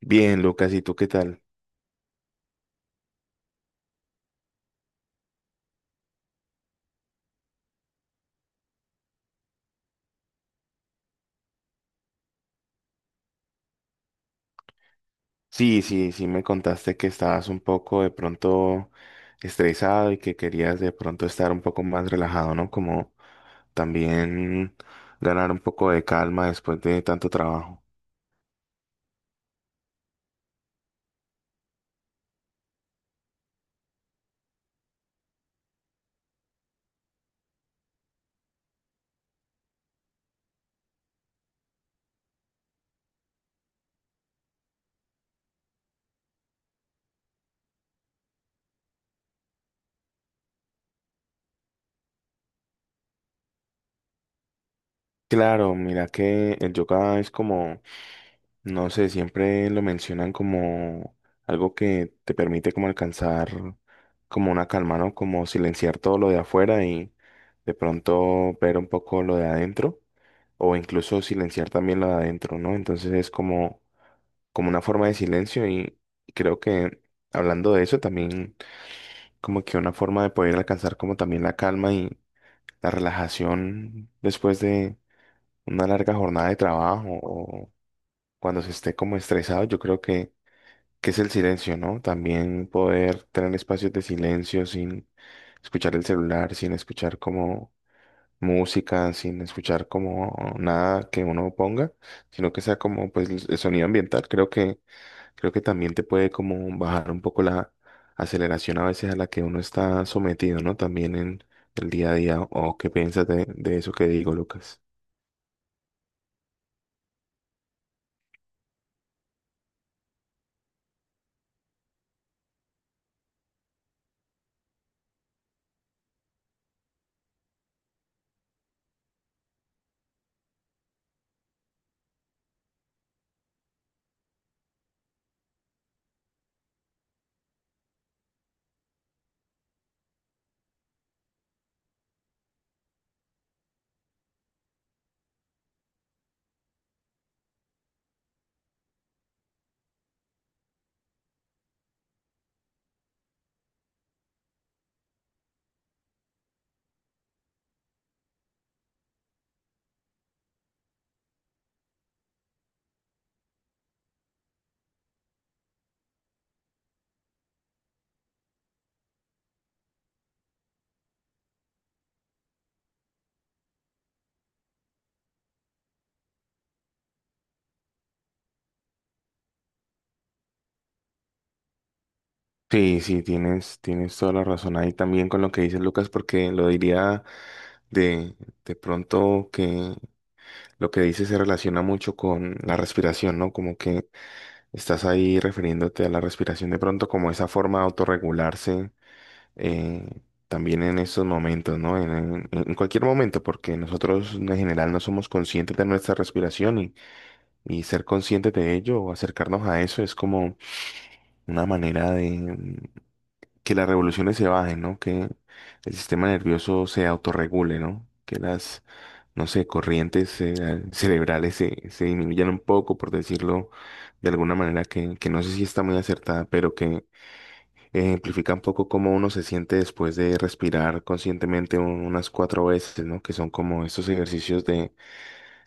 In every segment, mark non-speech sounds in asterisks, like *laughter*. Bien, Lucas, ¿y tú qué tal? Sí, me contaste que estabas un poco de pronto estresado y que querías de pronto estar un poco más relajado, ¿no? Como también ganar un poco de calma después de tanto trabajo. Claro, mira que el yoga es como... No sé, siempre lo mencionan como algo que te permite como alcanzar como una calma, ¿no? Como silenciar todo lo de afuera y de pronto ver un poco lo de adentro o incluso silenciar también lo de adentro, ¿no? Entonces es como, como una forma de silencio y creo que hablando de eso también como que una forma de poder alcanzar como también la calma y la relajación después de una larga jornada de trabajo o cuando se esté como estresado, yo creo que es el silencio, ¿no? También poder tener espacios de silencio sin escuchar el celular, sin escuchar como música, sin escuchar como nada que uno ponga, sino que sea como pues el sonido ambiental. Creo que también te puede como bajar un poco la aceleración a veces a la que uno está sometido, ¿no? También en el día a día. ¿O qué piensas de eso que digo, Lucas? Sí, sí, tienes toda la razón ahí también con lo que dices, Lucas, porque lo diría... De, de pronto que lo que dices se relaciona mucho con la respiración, ¿no? Como que estás ahí refiriéndote a la respiración de pronto como esa forma de autorregularse, eh, también en esos momentos, ¿no? En cualquier momento, porque nosotros en general no somos conscientes de nuestra respiración y ser conscientes de ello o acercarnos a eso es como una manera de que las revoluciones se bajen, ¿no? Que el sistema nervioso se autorregule, ¿no? Que las... no sé, corrientes *laughs* cerebrales se, se disminuyan un poco, por decirlo de alguna manera que no sé si está muy acertada, pero que ejemplifica un poco cómo uno se siente después de respirar conscientemente unas cuatro veces, ¿no? Que son como estos ejercicios de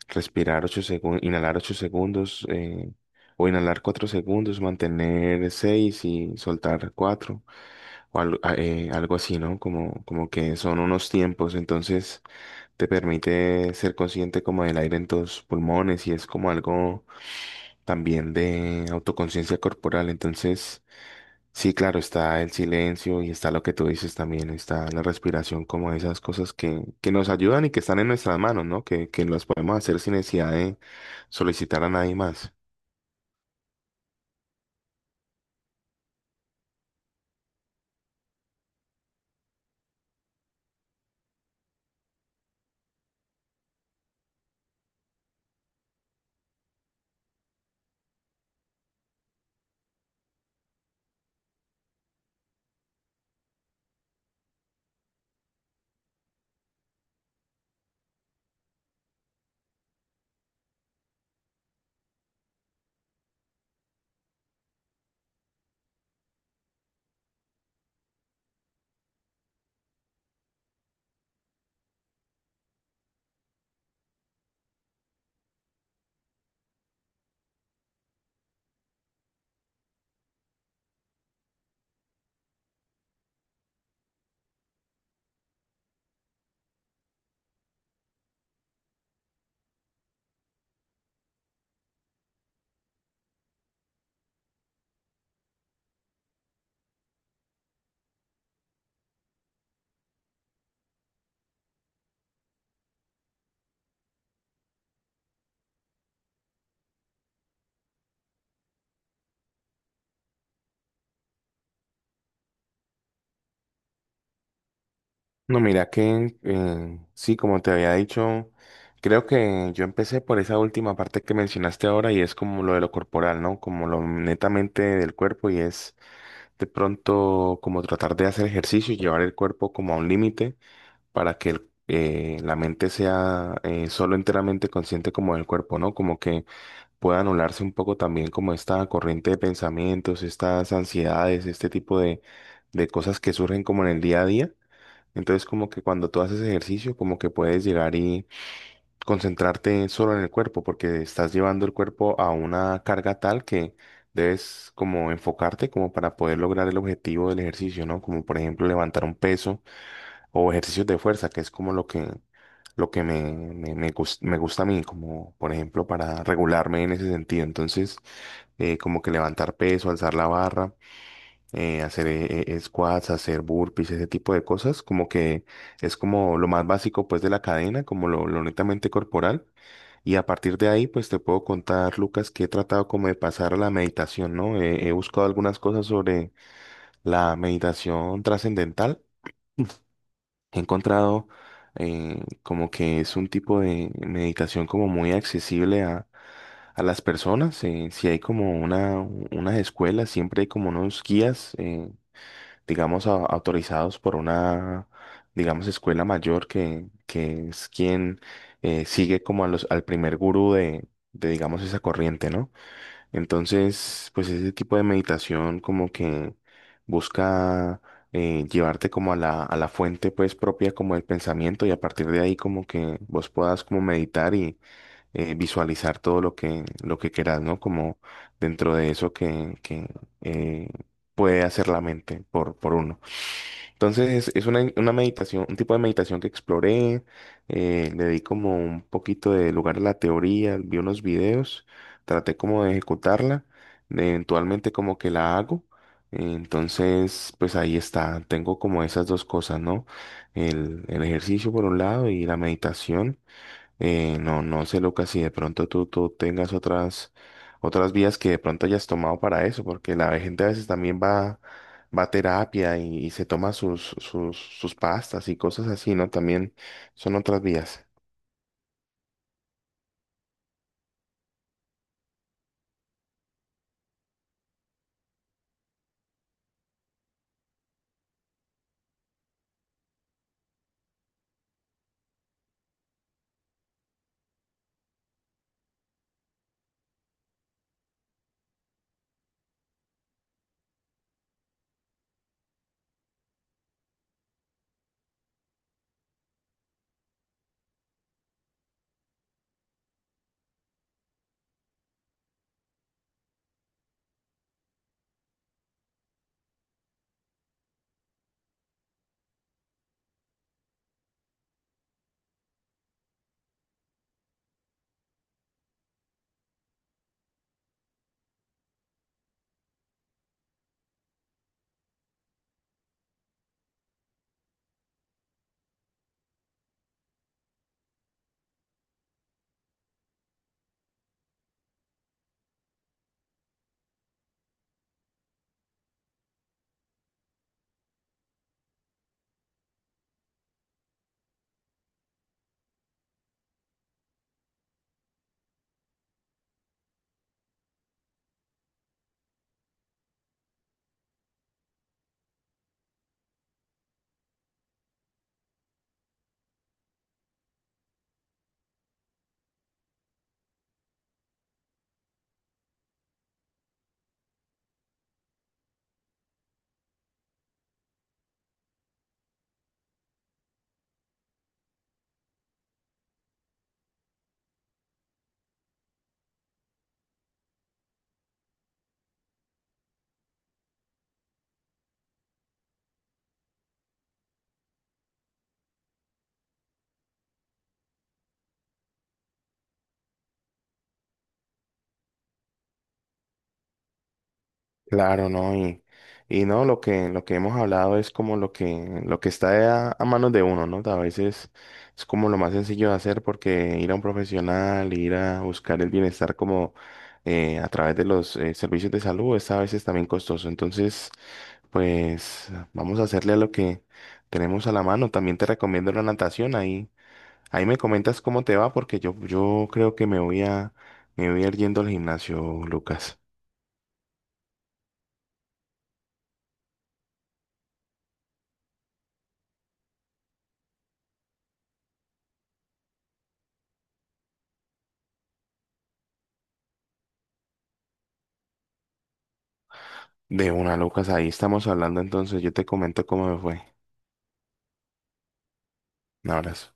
respirar 8 segundos, inhalar 8 segundos, o inhalar 4 segundos, mantener seis y soltar cuatro, o algo, algo así, ¿no? Como, como que son unos tiempos, entonces te permite ser consciente como del aire en tus pulmones y es como algo también de autoconciencia corporal. Entonces, sí, claro, está el silencio y está lo que tú dices también, está la respiración, como esas cosas que nos ayudan y que están en nuestras manos, ¿no? Que las podemos hacer sin necesidad de solicitar a nadie más. No, mira que sí, como te había dicho, creo que yo empecé por esa última parte que mencionaste ahora y es como lo de lo corporal, ¿no? Como lo netamente del cuerpo y es de pronto como tratar de hacer ejercicio y llevar el cuerpo como a un límite para que la mente sea solo enteramente consciente como del cuerpo, ¿no? Como que pueda anularse un poco también como esta corriente de pensamientos, estas ansiedades, este tipo de cosas que surgen como en el día a día. Entonces como que cuando tú haces ejercicio como que puedes llegar y concentrarte solo en el cuerpo, porque estás llevando el cuerpo a una carga tal que debes como enfocarte como para poder lograr el objetivo del ejercicio, ¿no? Como por ejemplo levantar un peso o ejercicios de fuerza, que es como lo que me gusta a mí, como por ejemplo para regularme en ese sentido. Entonces, como que levantar peso, alzar la barra, hacer squats, hacer burpees, ese tipo de cosas, como que es como lo más básico pues de la cadena, como lo netamente corporal. Y a partir de ahí pues te puedo contar, Lucas, que he tratado como de pasar a la meditación, ¿no? He buscado algunas cosas sobre la meditación trascendental. He encontrado como que es un tipo de meditación como muy accesible a las personas, si hay como una, unas escuelas, siempre hay como unos guías. Digamos, autorizados por una, digamos, escuela mayor que es quien sigue como a los, al primer gurú de, digamos, esa corriente, ¿no? Entonces, pues ese tipo de meditación como que busca llevarte como a la fuente pues propia como del pensamiento y a partir de ahí como que vos puedas como meditar y visualizar todo lo que quieras, ¿no? Como dentro de eso que eh, puede hacer la mente por uno. Entonces es una meditación, un tipo de meditación que exploré, le di como un poquito de lugar a la teoría, vi unos videos, traté como de ejecutarla, eventualmente como que la hago. Entonces, pues ahí está, tengo como esas dos cosas, ¿no? El ejercicio por un lado y la meditación. No, no sé, Lucas, si de pronto tú tengas otras, otras vías que de pronto hayas tomado para eso, porque la gente a veces también va, va a terapia y se toma sus, sus, sus pastas y cosas así, ¿no? También son otras vías. Claro, ¿no? Y no, lo que hemos hablado es como lo que está a manos de uno, ¿no? A veces es como lo más sencillo de hacer porque ir a un profesional, ir a buscar el bienestar como a través de los servicios de salud es a veces también costoso. Entonces, pues vamos a hacerle a lo que tenemos a la mano. También te recomiendo la natación. Ahí, ahí me comentas cómo te va porque yo creo que me voy a ir yendo al gimnasio, Lucas. De una, Lucas, ahí estamos hablando entonces. Yo te comento cómo me fue. Un abrazo.